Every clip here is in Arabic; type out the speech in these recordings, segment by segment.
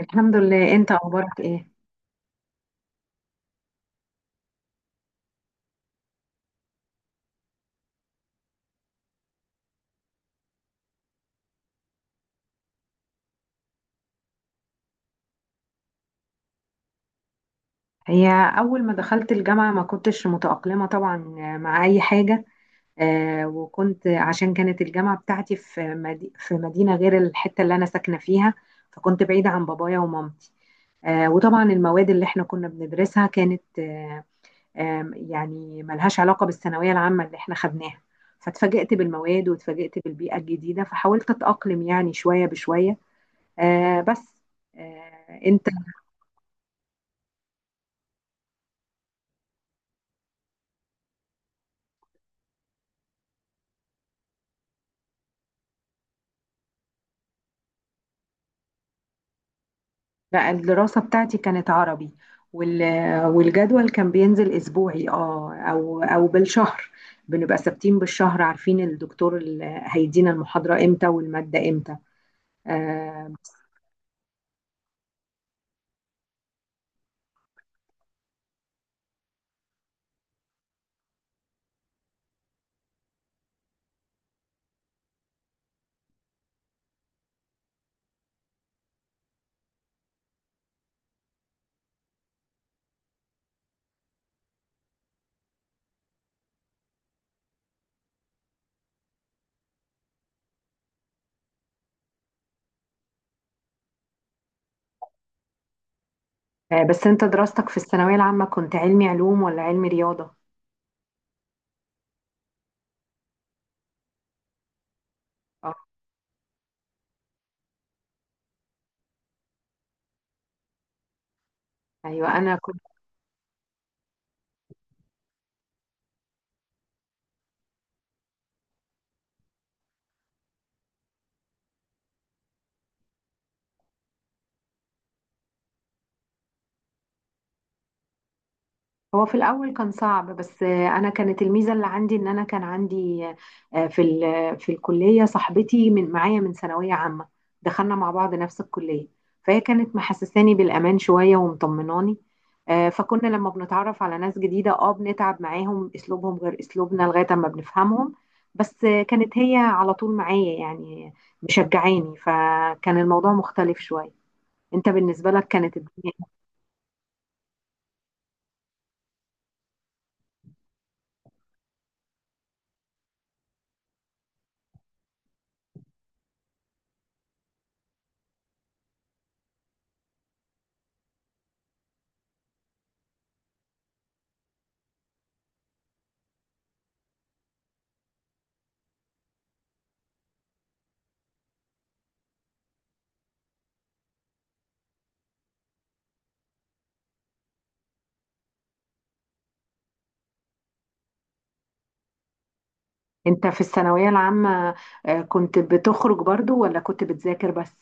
الحمد لله. انت اخبارك ايه؟ هي اول ما دخلت الجامعه ما كنتش متاقلمه طبعا مع اي حاجه. وكنت عشان كانت الجامعه بتاعتي في مدينه غير الحته اللي انا ساكنه فيها، فكنت بعيده عن بابايا ومامتي. وطبعا المواد اللي احنا كنا بندرسها كانت يعني ملهاش علاقه بالثانويه العامه اللي احنا خدناها. فاتفاجئت بالمواد واتفاجئت بالبيئه الجديده، فحاولت اتاقلم يعني شويه بشويه. بس. انت؟ لا، الدراسة بتاعتي كانت عربي، وال... والجدول كان بينزل أسبوعي، أو بالشهر. بنبقى ثابتين بالشهر، عارفين الدكتور اللي هيدينا المحاضرة امتى والمادة امتى. آه. بس انت دراستك في الثانوية العامة كنت علمي علوم ولا علمي رياضة؟ اه، ايوه، انا. هو في الأول كان صعب، بس أنا كانت الميزة اللي عندي إن أنا كان عندي في الكلية صاحبتي من معايا من ثانوية عامة. دخلنا مع بعض نفس الكلية، فهي كانت محسساني بالأمان شوية ومطمناني. فكنا لما بنتعرف على ناس جديدة بنتعب معاهم، أسلوبهم غير أسلوبنا لغاية ما بنفهمهم. بس كانت هي على طول معايا يعني، مشجعاني، فكان الموضوع مختلف شوية. أنت بالنسبة لك كانت الدنيا؟ انت في الثانوية العامة كنت بتخرج برضو ولا كنت بتذاكر بس؟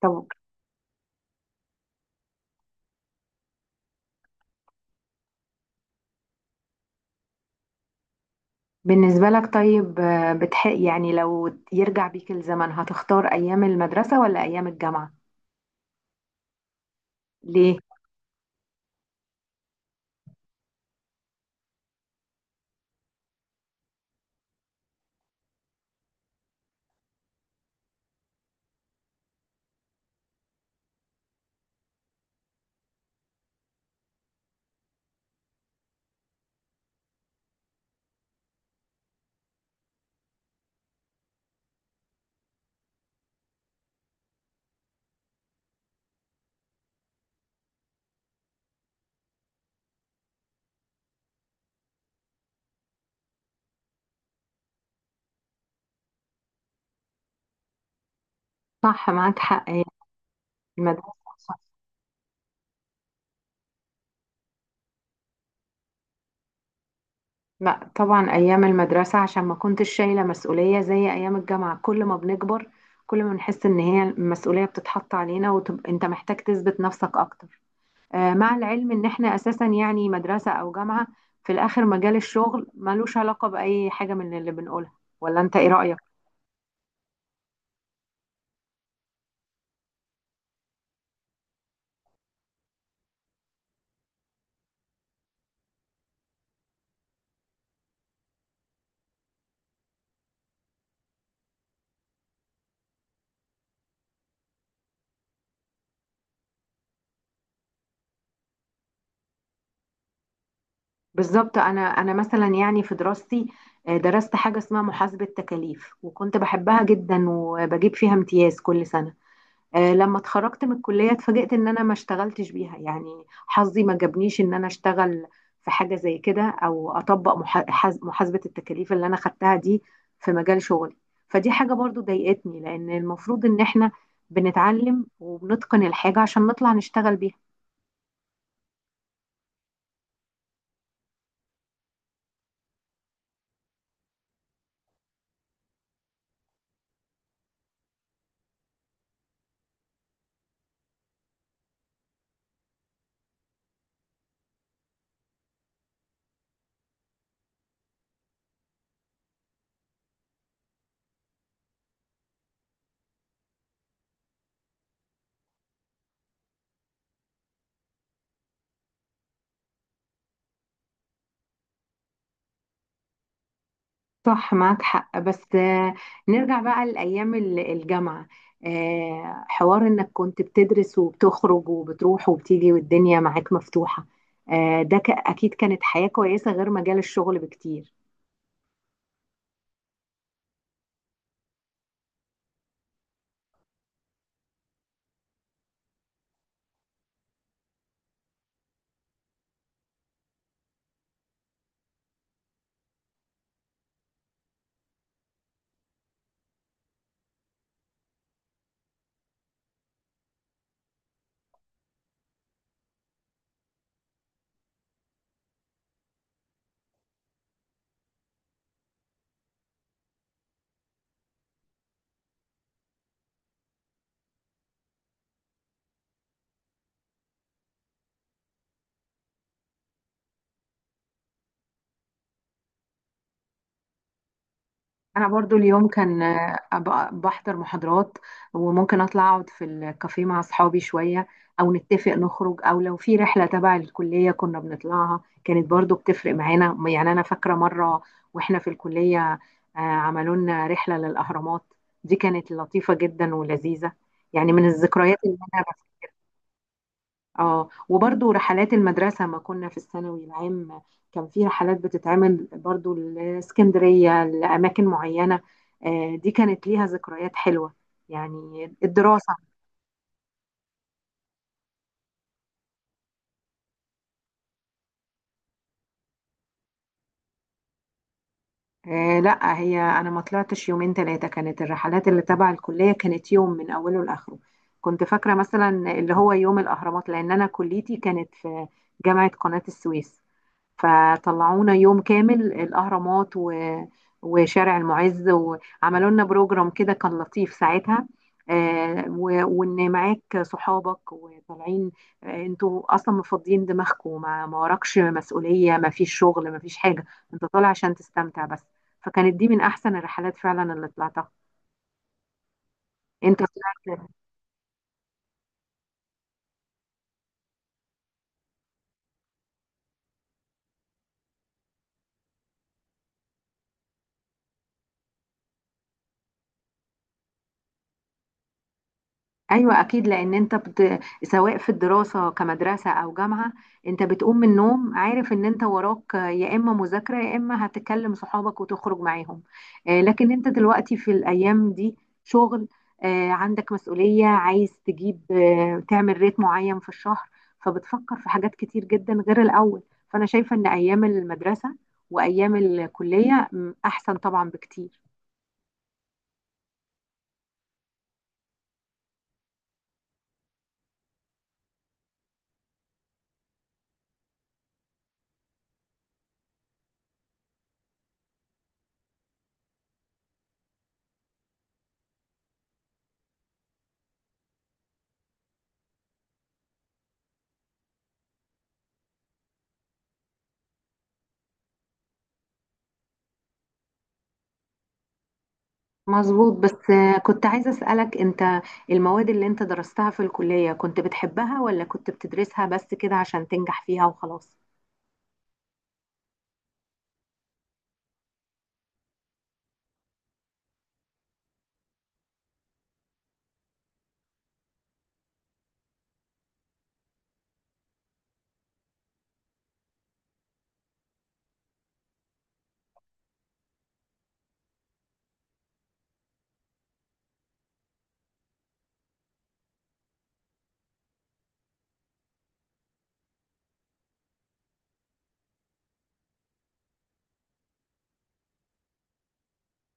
طب. بالنسبة لك طيب يعني لو يرجع بيك الزمن هتختار أيام المدرسة ولا أيام الجامعة؟ ليه؟ صح، معاك حق. هي. المدرسة. صح. لا، طبعا أيام المدرسة عشان ما كنتش شايلة مسؤولية زي أيام الجامعة. كل ما بنكبر، كل ما بنحس إن هي المسؤولية بتتحط علينا وتبقى أنت محتاج تثبت نفسك أكتر. مع العلم ان احنا اساسا يعني مدرسة او جامعة، في الاخر مجال الشغل ملوش علاقة باي حاجة من اللي بنقولها. ولا انت ايه رأيك؟ بالظبط. انا مثلا يعني في دراستي، درست حاجة اسمها محاسبة تكاليف، وكنت بحبها جدا وبجيب فيها امتياز كل سنة. لما اتخرجت من الكلية اتفاجئت ان انا ما اشتغلتش بيها، يعني حظي ما جابنيش ان انا اشتغل في حاجة زي كده، او اطبق محاسبة التكاليف اللي انا خدتها دي في مجال شغلي. فدي حاجة برضو ضايقتني، لان المفروض ان احنا بنتعلم وبنتقن الحاجة عشان نطلع نشتغل بيها. صح، معاك حق. بس نرجع بقى لأيام الجامعة. حوار إنك كنت بتدرس وبتخرج وبتروح وبتيجي والدنيا معاك مفتوحة. ده أكيد كانت حياة كويسة غير مجال الشغل بكتير. انا برضو اليوم كان أبقى بحضر محاضرات، وممكن اطلع اقعد في الكافيه مع اصحابي شوية، او نتفق نخرج، او لو في رحلة تبع الكلية كنا بنطلعها كانت برضو بتفرق معانا. يعني انا فاكرة مرة واحنا في الكلية، عملوا لنا رحلة للاهرامات، دي كانت لطيفة جدا ولذيذة، يعني من الذكريات اللي انا. اه، وبرضو رحلات المدرسة ما كنا في الثانوي العام، كان في رحلات بتتعمل برضو لاسكندرية لأماكن معينة. دي كانت ليها ذكريات حلوة. يعني الدراسة. لا، هي أنا ما طلعتش يومين ثلاثة، كانت الرحلات اللي تبع الكلية كانت يوم من أوله لآخره. كنت فاكرة مثلا اللي هو يوم الأهرامات، لأن أنا كليتي كانت في جامعة قناة السويس، فطلعونا يوم كامل الأهرامات وشارع المعز، وعملوا لنا بروجرام كده كان لطيف ساعتها. وإن معاك صحابك وطالعين، انتوا أصلا مفضيين دماغكم، ما وراكش مسؤولية، ما فيش شغل، ما فيش حاجة، انت طالع عشان تستمتع بس. فكانت دي من أحسن الرحلات فعلا اللي طلعتها. انت طلعت؟ ايوه، اكيد، لان انت سواء في الدراسه كمدرسه او جامعه، انت بتقوم من النوم عارف ان انت وراك يا اما مذاكره يا اما هتكلم صحابك وتخرج معاهم. لكن انت دلوقتي في الايام دي شغل، عندك مسؤوليه، عايز تجيب تعمل ريت معين في الشهر، فبتفكر في حاجات كتير جدا غير الاول. فانا شايفه ان ايام المدرسه وايام الكليه احسن طبعا بكتير. مظبوط. بس كنت عايزة أسألك، أنت المواد اللي أنت درستها في الكلية كنت بتحبها ولا كنت بتدرسها بس كده عشان تنجح فيها وخلاص؟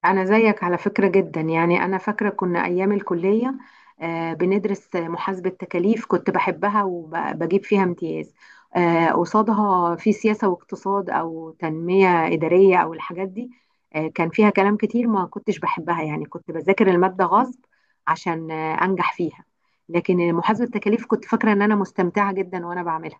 أنا زيك على فكرة جدا. يعني أنا فاكرة كنا أيام الكلية بندرس محاسبة تكاليف كنت بحبها وبجيب فيها امتياز. قصادها في سياسة واقتصاد أو تنمية إدارية أو الحاجات دي، كان فيها كلام كتير ما كنتش بحبها، يعني كنت بذاكر المادة غصب عشان أنجح فيها. لكن محاسبة التكاليف كنت فاكرة إن أنا مستمتعة جدا وأنا بعملها.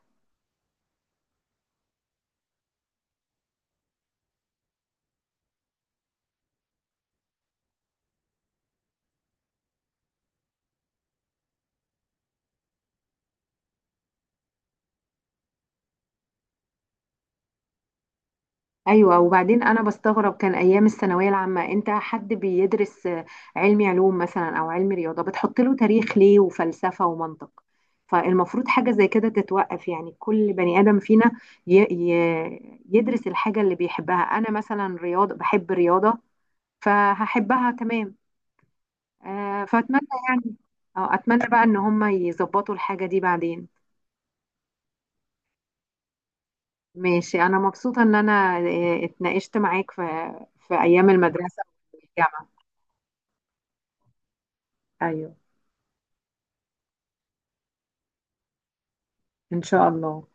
ايوه. وبعدين انا بستغرب كان ايام الثانويه العامه، انت حد بيدرس علمي علوم مثلا او علمي رياضه، بتحط له تاريخ ليه وفلسفه ومنطق. فالمفروض حاجه زي كده تتوقف، يعني كل بني ادم فينا يدرس الحاجه اللي بيحبها. انا مثلا رياضه بحب رياضه فهحبها تمام. فاتمنى يعني، أو اتمنى بقى ان هم يظبطوا الحاجه دي بعدين. ماشي. انا مبسوطه ان انا اتناقشت معاك في في ايام المدرسه والجامعه. ايوه. إن شاء الله.